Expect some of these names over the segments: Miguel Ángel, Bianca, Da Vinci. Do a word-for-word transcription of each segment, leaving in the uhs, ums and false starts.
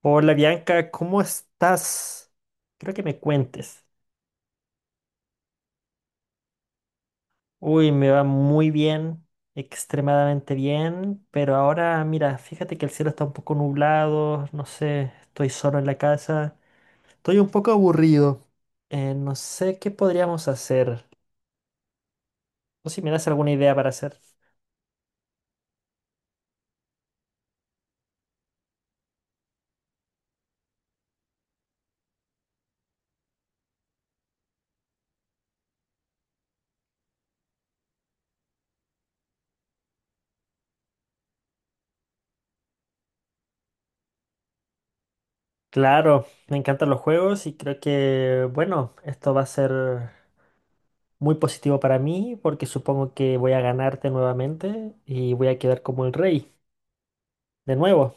Hola Bianca, ¿cómo estás? Creo que me cuentes. Uy, me va muy bien, extremadamente bien, pero ahora mira, fíjate que el cielo está un poco nublado, no sé, estoy solo en la casa, estoy un poco aburrido. Eh, no sé qué podríamos hacer, o si me das alguna idea para hacer. Claro, me encantan los juegos y creo que, bueno, esto va a ser muy positivo para mí porque supongo que voy a ganarte nuevamente y voy a quedar como el rey, de nuevo.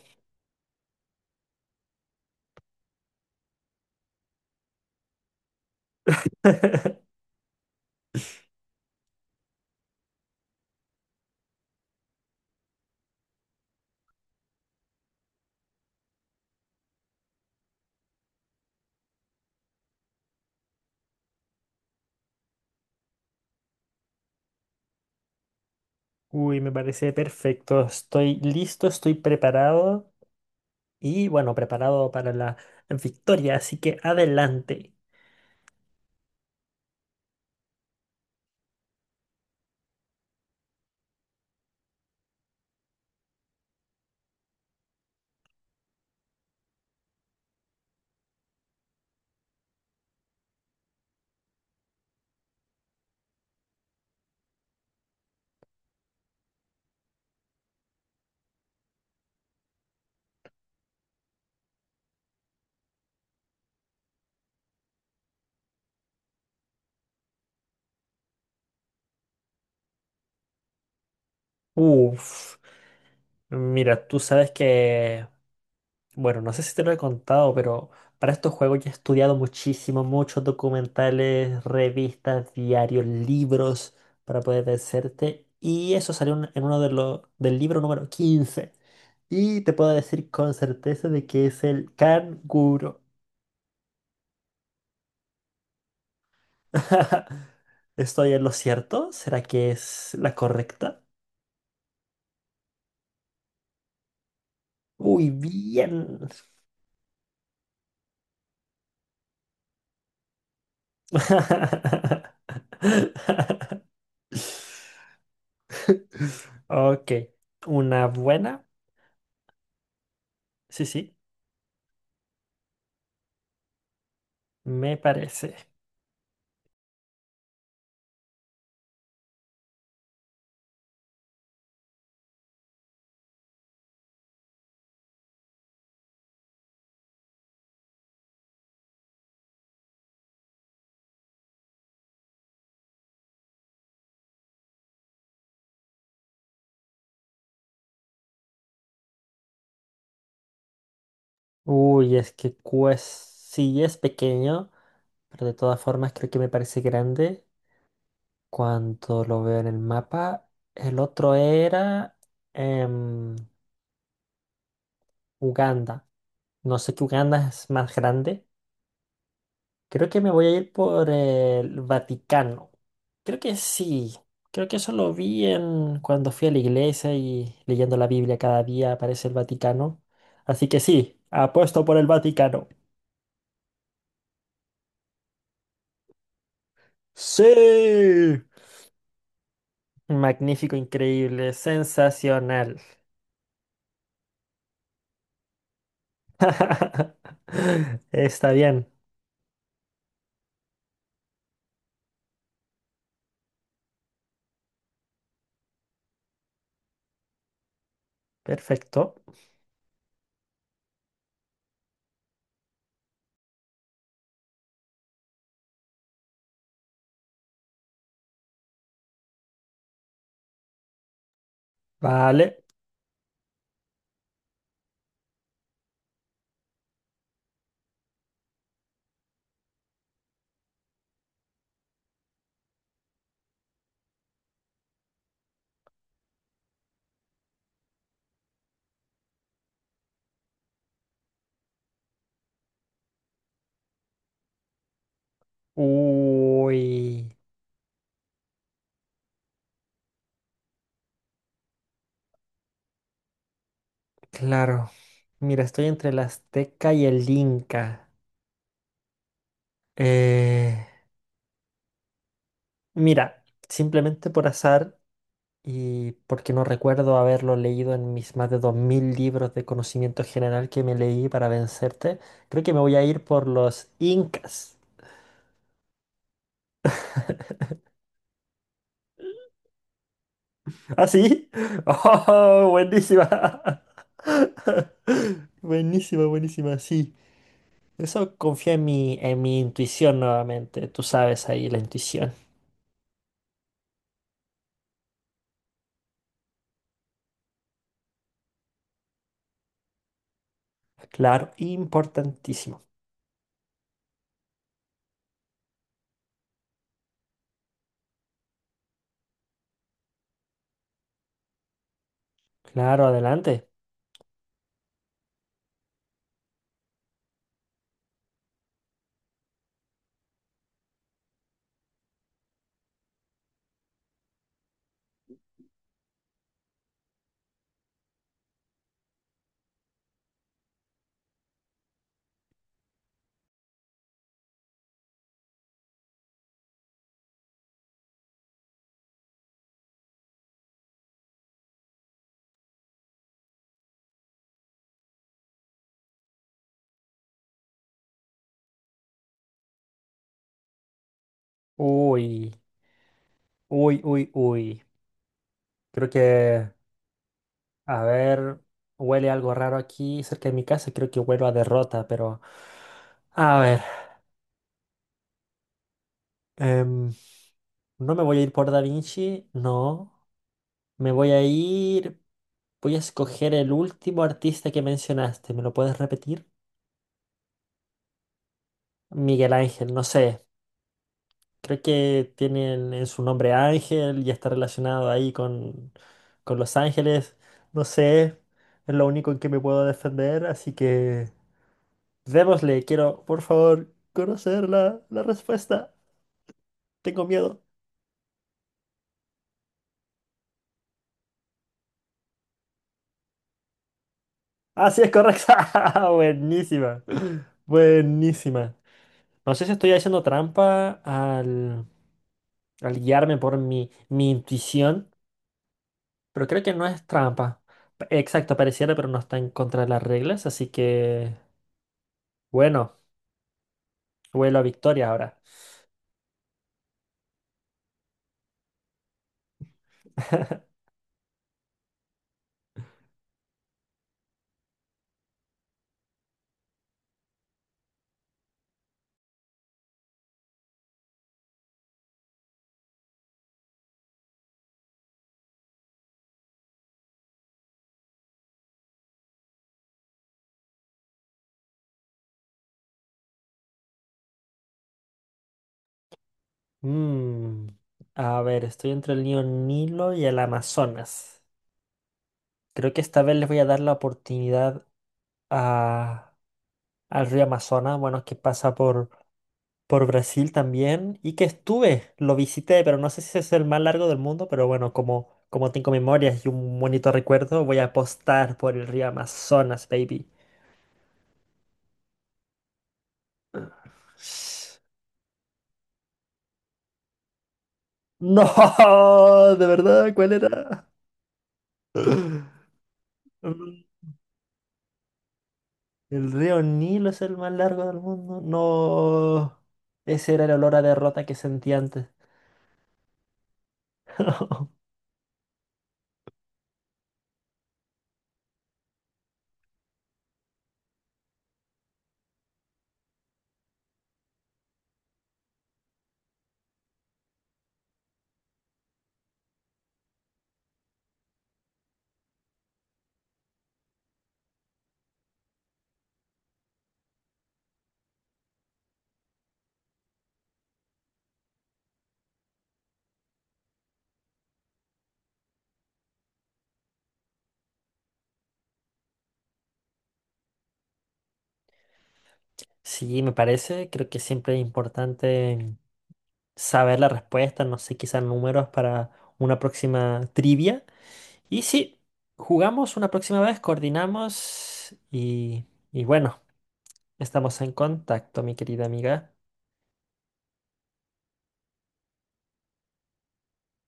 Uy, me parece perfecto. Estoy listo, estoy preparado y, bueno, preparado para la victoria, así que adelante. Uf, mira, tú sabes que, bueno, no sé si te lo he contado, pero para estos juegos yo he estudiado muchísimo, muchos documentales, revistas, diarios, libros para poder vencerte. Y eso salió en en uno de los del libro número quince. Y te puedo decir con certeza de que es el canguro. ¿Estoy en lo cierto? ¿Será que es la correcta? Uy, bien. Ok, una buena. Sí, sí, me parece. Uy, es que pues sí es pequeño, pero de todas formas creo que me parece grande cuando lo veo en el mapa. El otro era em, Uganda. No sé, que Uganda es más grande. Creo que me voy a ir por el Vaticano. Creo que sí. Creo que eso lo vi en cuando fui a la iglesia, y leyendo la Biblia cada día aparece el Vaticano. Así que sí, apuesto por el Vaticano. Sí. Magnífico, increíble, sensacional. Está bien, perfecto. Vale. Uy, claro. Mira, estoy entre el Azteca y el Inca. Eh... Mira, simplemente por azar y porque no recuerdo haberlo leído en mis más de dos mil libros de conocimiento general que me leí para vencerte, creo que me voy a ir por los incas. ¿Ah, sí? ¡Oh, buenísima! Buenísima, buenísima, sí. Eso, confía en mi, en mi intuición nuevamente. Tú sabes ahí la intuición. Claro, importantísimo. Claro, adelante. Uy, uy, uy, uy. Creo que, a ver, huele algo raro aquí cerca de mi casa. Creo que huelo a derrota, pero... A ver, em, no me voy a ir por Da Vinci, no. Me voy a ir... Voy a escoger el último artista que mencionaste. ¿Me lo puedes repetir? Miguel Ángel, no sé. Creo que tiene en en su nombre Ángel y está relacionado ahí con, con Los Ángeles. No sé. Es lo único en que me puedo defender, así que... Démosle, quiero, por favor, conocer la, la respuesta. Tengo miedo. Ah, sí, es correcta. Buenísima. Buenísima. No sé si estoy haciendo trampa al, al guiarme por mi, mi intuición, pero creo que no es trampa. P- Exacto, pareciera, pero no está en contra de las reglas, así que, bueno, vuelo a victoria ahora. Mm, a ver, estoy entre el río Nilo y el Amazonas. Creo que esta vez les voy a dar la oportunidad a- al río Amazonas, bueno, que pasa por, por Brasil también, y que estuve, lo visité, pero no sé si es el más largo del mundo, pero bueno, como, como tengo memorias y un bonito recuerdo, voy a apostar por el río Amazonas, baby. No, de verdad, ¿cuál era? Mm, el río Nilo es el más largo del mundo. No, ese era el olor a derrota que sentí antes. Sí, me parece, creo que siempre es importante saber la respuesta, no sé, quizás números para una próxima trivia. Y sí, jugamos una próxima vez, coordinamos y, y bueno, estamos en contacto, mi querida amiga.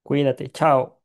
Cuídate, chao.